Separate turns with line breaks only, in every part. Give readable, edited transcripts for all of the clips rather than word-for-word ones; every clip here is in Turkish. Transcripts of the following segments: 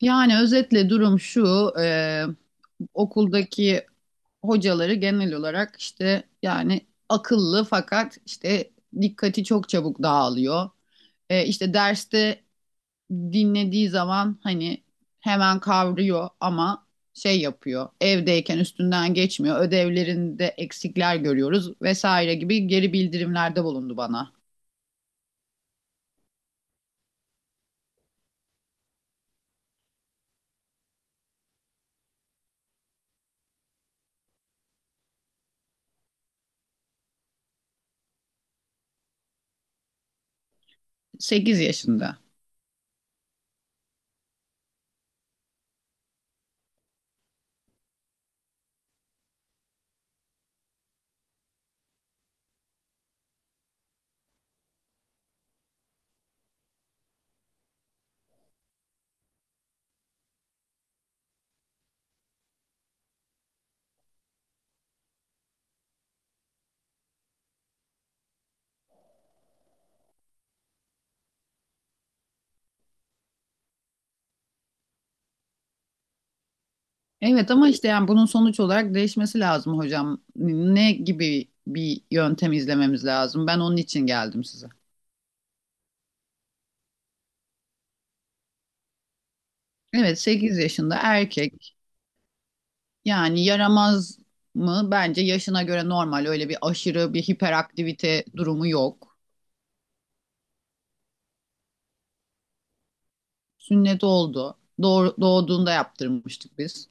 Yani özetle durum şu, okuldaki hocaları genel olarak işte yani akıllı fakat işte dikkati çok çabuk dağılıyor. İşte derste dinlediği zaman hani hemen kavruyor ama şey yapıyor, evdeyken üstünden geçmiyor, ödevlerinde eksikler görüyoruz vesaire gibi geri bildirimlerde bulundu bana. 8 yaşında. Evet ama işte yani bunun sonuç olarak değişmesi lazım hocam. Ne gibi bir yöntem izlememiz lazım? Ben onun için geldim size. Evet, 8 yaşında erkek, yani yaramaz mı? Bence yaşına göre normal, öyle bir aşırı bir hiperaktivite durumu yok. Sünnet oldu. Doğduğunda yaptırmıştık biz.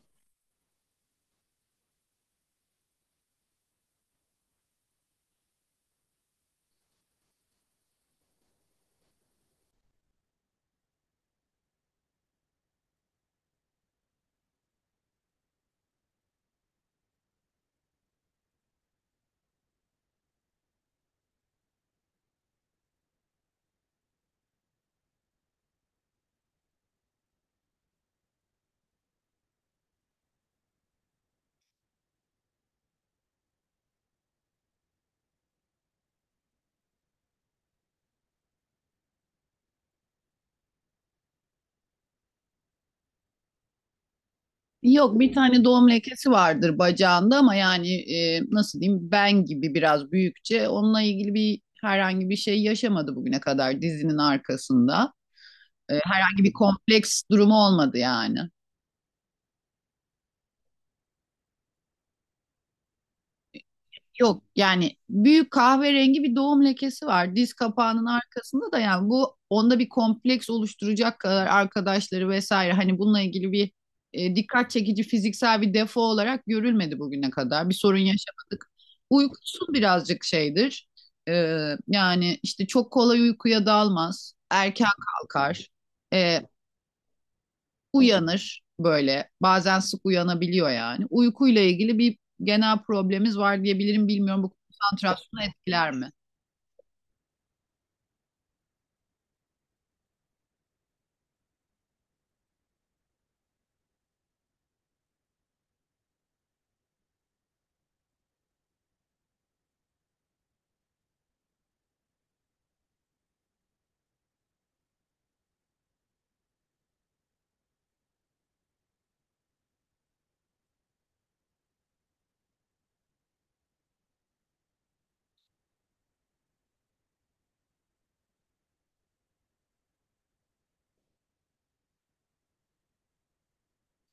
Yok, bir tane doğum lekesi vardır bacağında ama yani nasıl diyeyim ben gibi biraz büyükçe, onunla ilgili bir herhangi bir şey yaşamadı bugüne kadar, dizinin arkasında. Herhangi bir kompleks durumu olmadı yani. Yok yani, büyük kahverengi bir doğum lekesi var. Diz kapağının arkasında da, yani bu onda bir kompleks oluşturacak kadar arkadaşları vesaire hani bununla ilgili bir dikkat çekici fiziksel bir defo olarak görülmedi bugüne kadar. Bir sorun yaşamadık. Uykusu birazcık şeydir. E, Yani işte çok kolay uykuya dalmaz. Erken kalkar. E, Uyanır böyle. Bazen sık uyanabiliyor yani. Uykuyla ilgili bir genel problemimiz var diyebilirim. Bilmiyorum, bu konsantrasyonu etkiler mi?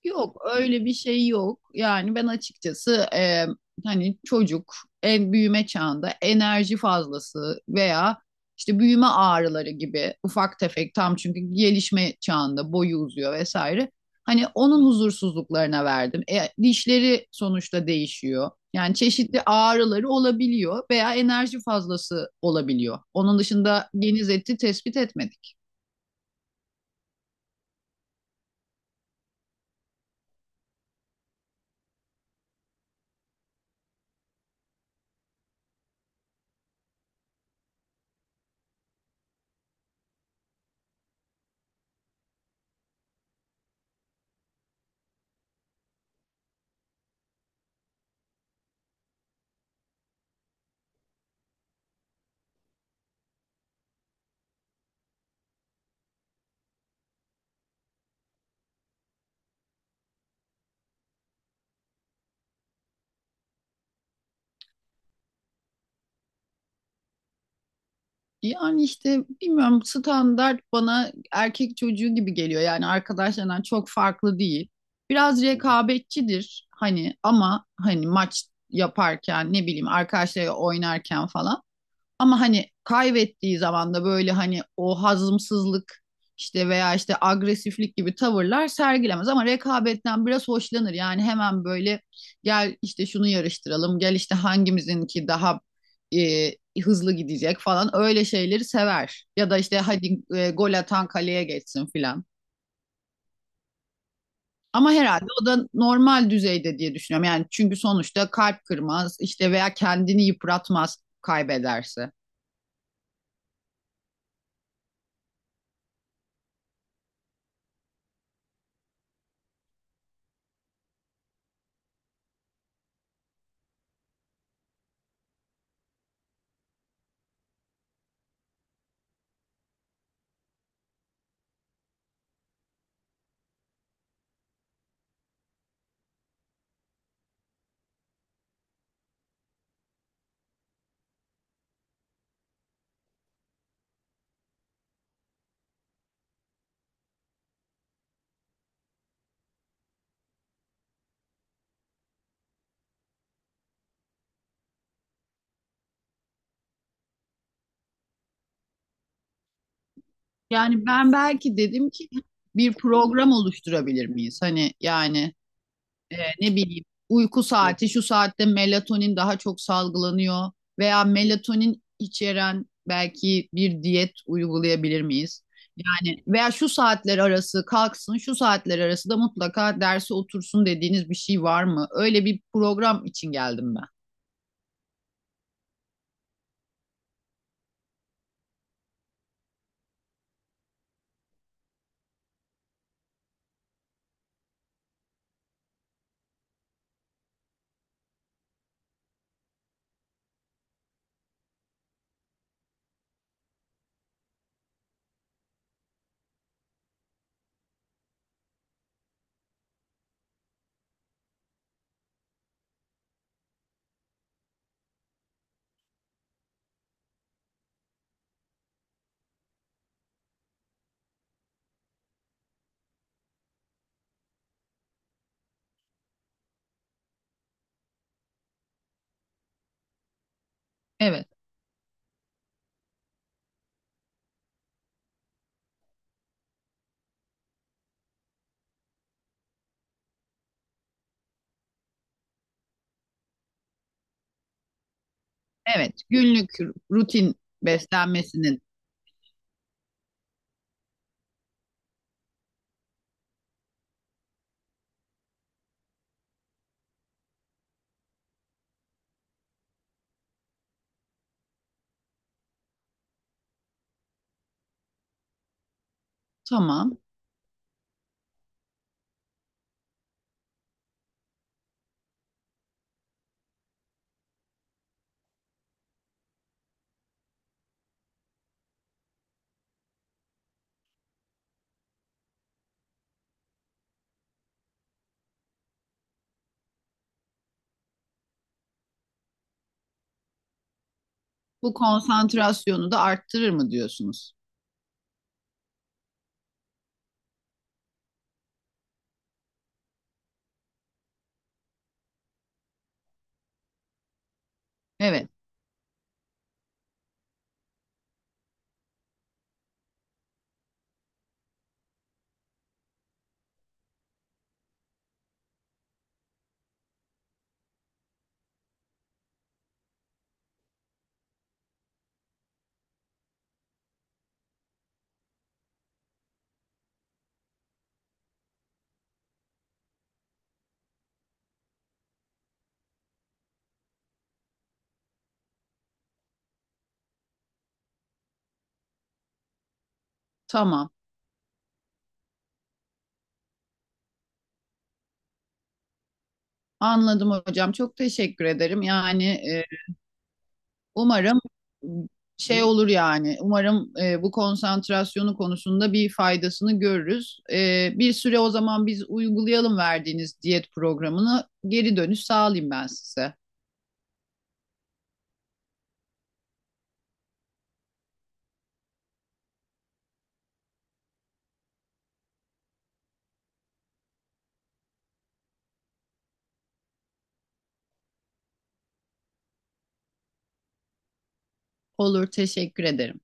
Yok, öyle bir şey yok. Yani ben açıkçası hani çocuk en büyüme çağında enerji fazlası veya işte büyüme ağrıları gibi ufak tefek tam, çünkü gelişme çağında boyu uzuyor vesaire. Hani onun huzursuzluklarına verdim. E, dişleri sonuçta değişiyor. Yani çeşitli ağrıları olabiliyor veya enerji fazlası olabiliyor. Onun dışında geniz eti tespit etmedik. Yani işte bilmiyorum, standart bana erkek çocuğu gibi geliyor. Yani arkadaşlarından çok farklı değil. Biraz rekabetçidir hani, ama hani maç yaparken ne bileyim arkadaşlarıyla oynarken falan. Ama hani kaybettiği zaman da böyle hani o hazımsızlık işte veya işte agresiflik gibi tavırlar sergilemez, ama rekabetten biraz hoşlanır. Yani hemen böyle gel işte şunu yarıştıralım, gel işte hangimizinki daha e, hızlı gidecek falan, öyle şeyleri sever. Ya da işte hadi gol atan kaleye geçsin filan. Ama herhalde o da normal düzeyde diye düşünüyorum. Yani çünkü sonuçta kalp kırmaz işte veya kendini yıpratmaz kaybederse. Yani ben belki dedim ki bir program oluşturabilir miyiz? Hani yani ne bileyim uyku saati şu saatte melatonin daha çok salgılanıyor veya melatonin içeren belki bir diyet uygulayabilir miyiz? Yani veya şu saatler arası kalksın, şu saatler arası da mutlaka derse otursun dediğiniz bir şey var mı? Öyle bir program için geldim ben. Evet, evet. Günlük rutin beslenmesinin tamam. Bu konsantrasyonu da arttırır mı diyorsunuz? Evet, tamam. Anladım hocam. Çok teşekkür ederim. Yani umarım şey olur yani. Umarım bu konsantrasyonu konusunda bir faydasını görürüz. E, bir süre o zaman biz uygulayalım verdiğiniz diyet programını. Geri dönüş sağlayayım ben size. Olur, teşekkür ederim.